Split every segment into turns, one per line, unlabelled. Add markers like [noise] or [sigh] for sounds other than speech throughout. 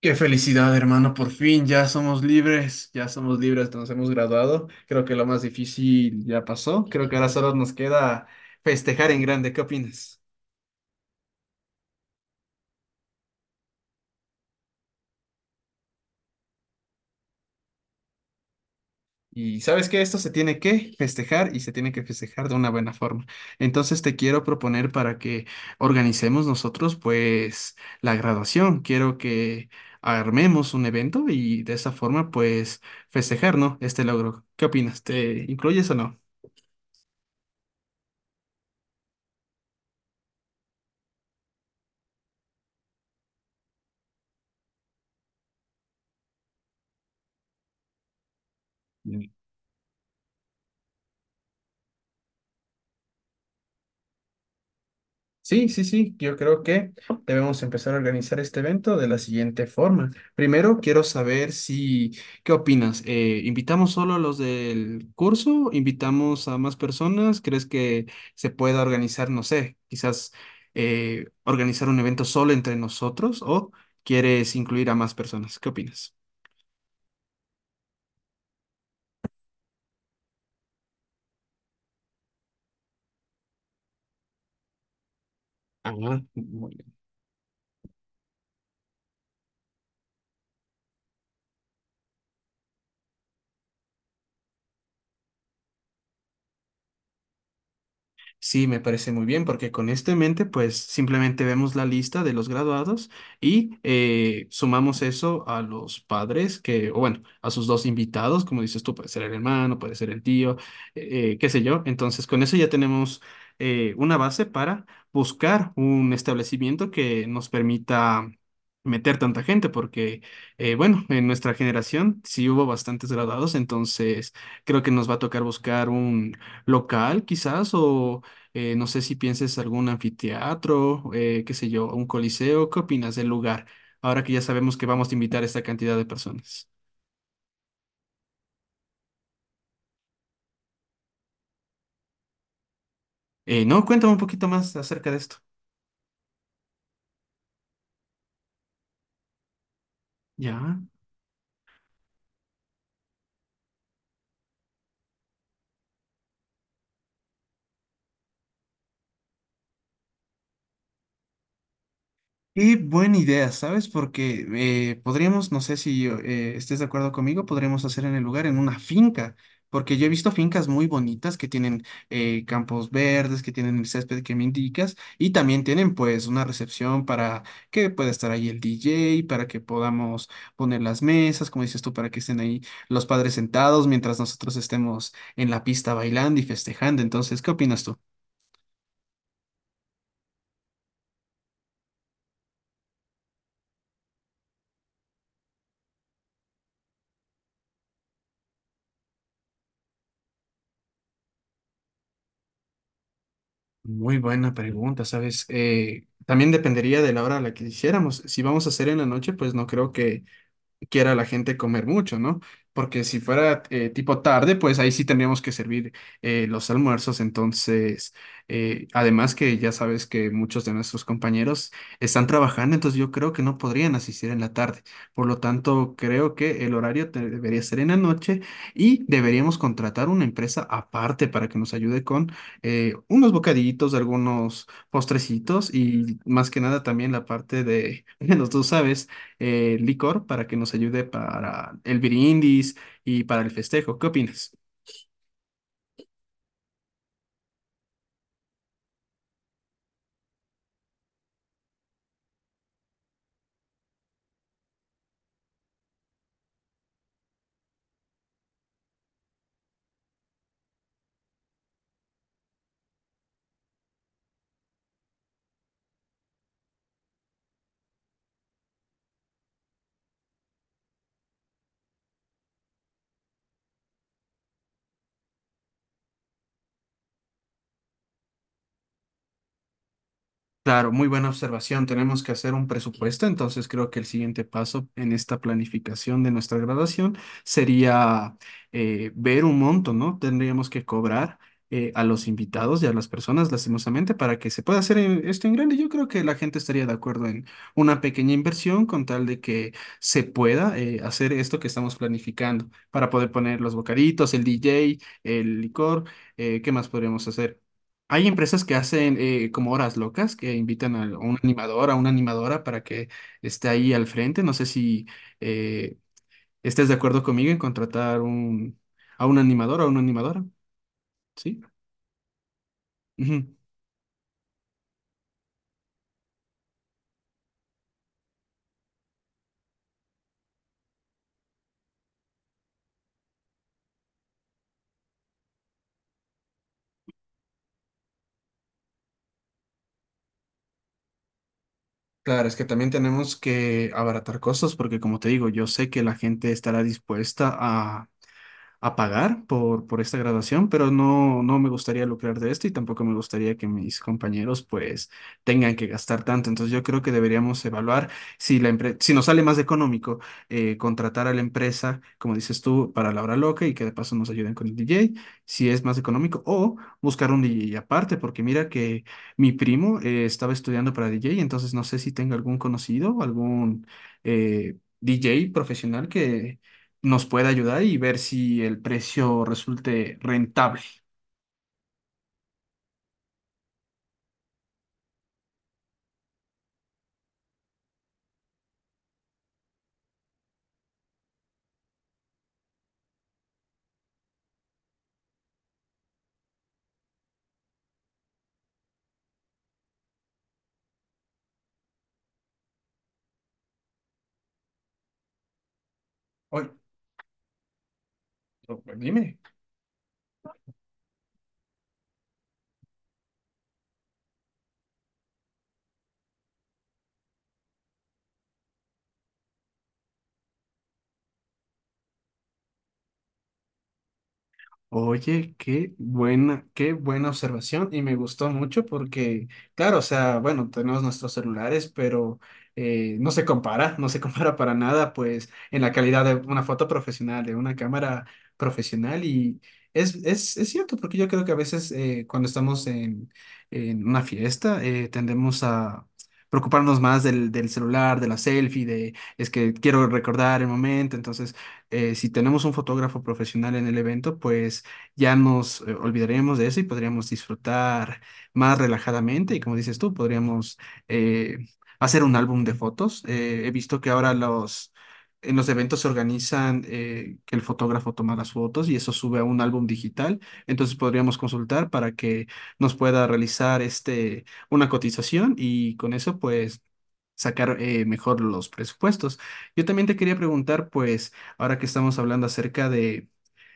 Qué felicidad, hermano, por fin ya somos libres, nos hemos graduado. Creo que lo más difícil ya pasó. Creo que ahora solo nos queda festejar en grande, ¿qué opinas? Y sabes que esto se tiene que festejar y se tiene que festejar de una buena forma. Entonces te quiero proponer para que organicemos nosotros pues la graduación. Quiero que armemos un evento y de esa forma pues festejar, ¿no? Este logro. ¿Qué opinas? ¿Te incluyes o no? Sí, sí, sí, yo creo que debemos empezar a organizar este evento de la siguiente forma. Primero, quiero saber si, ¿qué opinas? ¿Invitamos solo a los del curso? ¿Invitamos a más personas? ¿Crees que se pueda organizar, no sé, quizás organizar un evento solo entre nosotros o quieres incluir a más personas? ¿Qué opinas? Ah, sí, me parece muy bien, porque con esto en mente, pues simplemente vemos la lista de los graduados y sumamos eso a los padres que, o bueno, a sus dos invitados, como dices tú, puede ser el hermano, puede ser el tío, qué sé yo. Entonces, con eso ya tenemos una base para buscar un establecimiento que nos permita meter tanta gente, porque, bueno, en nuestra generación sí hubo bastantes graduados, entonces creo que nos va a tocar buscar un local quizás o no sé si pienses algún anfiteatro, qué sé yo, un coliseo. ¿Qué opinas del lugar? Ahora que ya sabemos que vamos a invitar a esta cantidad de personas. No, cuéntame un poquito más acerca de esto. Ya. Qué buena idea, ¿sabes? Porque podríamos, no sé si estés de acuerdo conmigo, podríamos hacer en el lugar, en una finca, porque yo he visto fincas muy bonitas que tienen campos verdes, que tienen el césped que me indicas, y también tienen pues una recepción para que pueda estar ahí el DJ, para que podamos poner las mesas, como dices tú, para que estén ahí los padres sentados mientras nosotros estemos en la pista bailando y festejando. Entonces, ¿qué opinas tú? Muy buena pregunta, ¿sabes? También dependería de la hora a la que hiciéramos. Si vamos a hacer en la noche, pues no creo que quiera la gente comer mucho, ¿no? Porque si fuera tipo tarde, pues ahí sí tendríamos que servir los almuerzos. Entonces, además que ya sabes que muchos de nuestros compañeros están trabajando, entonces yo creo que no podrían asistir en la tarde. Por lo tanto, creo que el horario debería ser en la noche y deberíamos contratar una empresa aparte para que nos ayude con unos bocadillitos, algunos postrecitos y más que nada también la parte de, [laughs] menos tú sabes licor para que nos ayude para el Birindis y para el festejo. ¿Qué opinas? Claro, muy buena observación. Tenemos que hacer un presupuesto, entonces creo que el siguiente paso en esta planificación de nuestra graduación sería ver un monto, ¿no? Tendríamos que cobrar a los invitados y a las personas, lastimosamente, para que se pueda hacer esto en grande. Yo creo que la gente estaría de acuerdo en una pequeña inversión con tal de que se pueda hacer esto que estamos planificando para poder poner los bocaditos, el DJ, el licor, ¿qué más podríamos hacer? Hay empresas que hacen como horas locas, que invitan a un animador, a una animadora para que esté ahí al frente. No sé si eh, estés de acuerdo conmigo en contratar a un animador o a una animadora, ¿sí? Ujú. Claro, es que también tenemos que abaratar costos porque, como te digo, yo sé que la gente estará dispuesta a pagar por esta graduación, pero no, no me gustaría lucrar de esto y tampoco me gustaría que mis compañeros pues tengan que gastar tanto. Entonces yo creo que deberíamos evaluar si si nos sale más económico contratar a la empresa, como dices tú, para la hora loca y que de paso nos ayuden con el DJ, si es más económico, o buscar un DJ aparte, porque mira que mi primo estaba estudiando para DJ, entonces no sé si tenga algún conocido, algún DJ profesional que nos puede ayudar y ver si el precio resulte rentable. Oye, pues dime. Oye, qué buena observación y me gustó mucho porque, claro, o sea, bueno, tenemos nuestros celulares, pero no se compara, no se [laughs] compara para nada, pues, en la calidad de una foto profesional, de una cámara profesional y es cierto, porque yo creo que a veces cuando estamos en una fiesta tendemos a preocuparnos más del celular, de la selfie, de es que quiero recordar el momento, entonces si tenemos un fotógrafo profesional en el evento, pues ya nos olvidaríamos de eso y podríamos disfrutar más relajadamente. Y como dices tú, podríamos eh, hacer un álbum de fotos. He visto que ahora los, en los eventos se organizan que el fotógrafo toma las fotos y eso sube a un álbum digital. Entonces podríamos consultar para que nos pueda realizar este, una cotización y con eso pues... sacar mejor los presupuestos. Yo también te quería preguntar, pues, ahora que estamos hablando acerca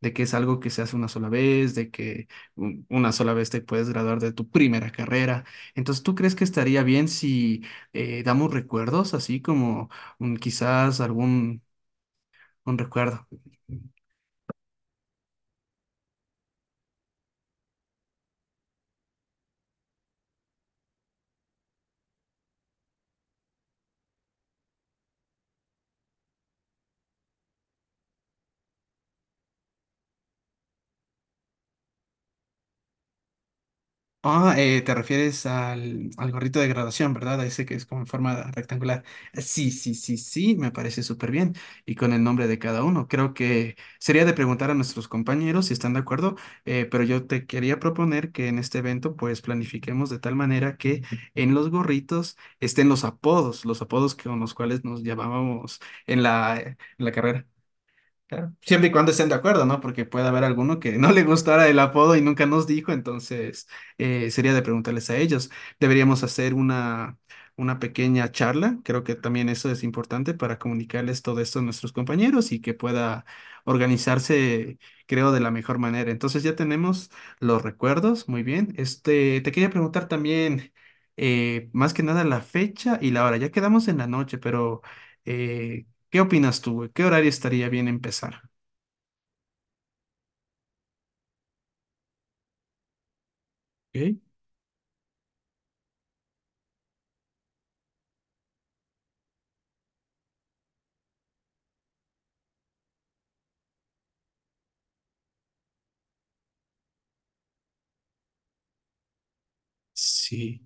de que es algo que se hace una sola vez, de que una sola vez te puedes graduar de tu primera carrera. Entonces, ¿tú crees que estaría bien si damos recuerdos, así como quizás algún un recuerdo? Ah, te refieres al, al gorrito de graduación, ¿verdad? A ese que es como en forma rectangular. Sí, sí, sí, sí, me parece súper bien. Y con el nombre de cada uno. Creo que sería de preguntar a nuestros compañeros si están de acuerdo, pero yo te quería proponer que en este evento pues planifiquemos de tal manera que en los gorritos estén los apodos con los cuales nos llamábamos en la carrera. Claro. Siempre y cuando estén de acuerdo, ¿no? Porque puede haber alguno que no le gustara el apodo y nunca nos dijo, entonces sería de preguntarles a ellos. Deberíamos hacer una pequeña charla. Creo que también eso es importante para comunicarles todo esto a nuestros compañeros y que pueda organizarse, creo, de la mejor manera. Entonces ya tenemos los recuerdos, muy bien. Este, te quería preguntar también, más que nada la fecha y la hora. Ya quedamos en la noche, pero... eh, ¿qué opinas tú, güey? ¿Qué horario estaría bien empezar? Ok. Sí.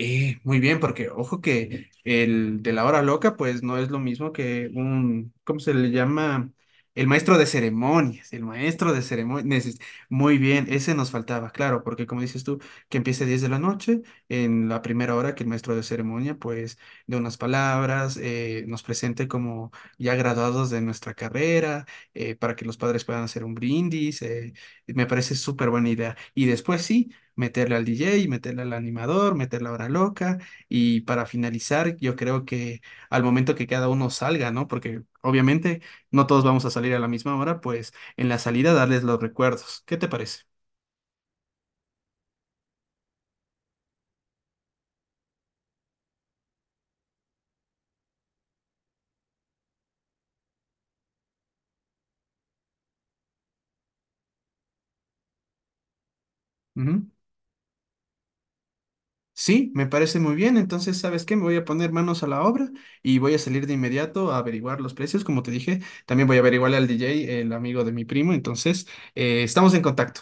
Muy bien, porque ojo que el de la hora loca, pues no es lo mismo que un, ¿cómo se le llama? El maestro de ceremonias, el maestro de ceremonias. Es- muy bien, ese nos faltaba, claro, porque como dices tú, que empiece 10 de la noche, en la primera hora que el maestro de ceremonia, pues, de unas palabras, nos presente como ya graduados de nuestra carrera, para que los padres puedan hacer un brindis, me parece súper buena idea. Y después sí meterle al DJ, meterle al animador, meterle a Hora Loca y para finalizar, yo creo que al momento que cada uno salga, ¿no? Porque obviamente no todos vamos a salir a la misma hora, pues en la salida darles los recuerdos. ¿Qué te parece? Ujú. Sí, me parece muy bien. Entonces, ¿sabes qué? Me voy a poner manos a la obra y voy a salir de inmediato a averiguar los precios. Como te dije, también voy a averiguarle al DJ, el amigo de mi primo. Entonces, estamos en contacto.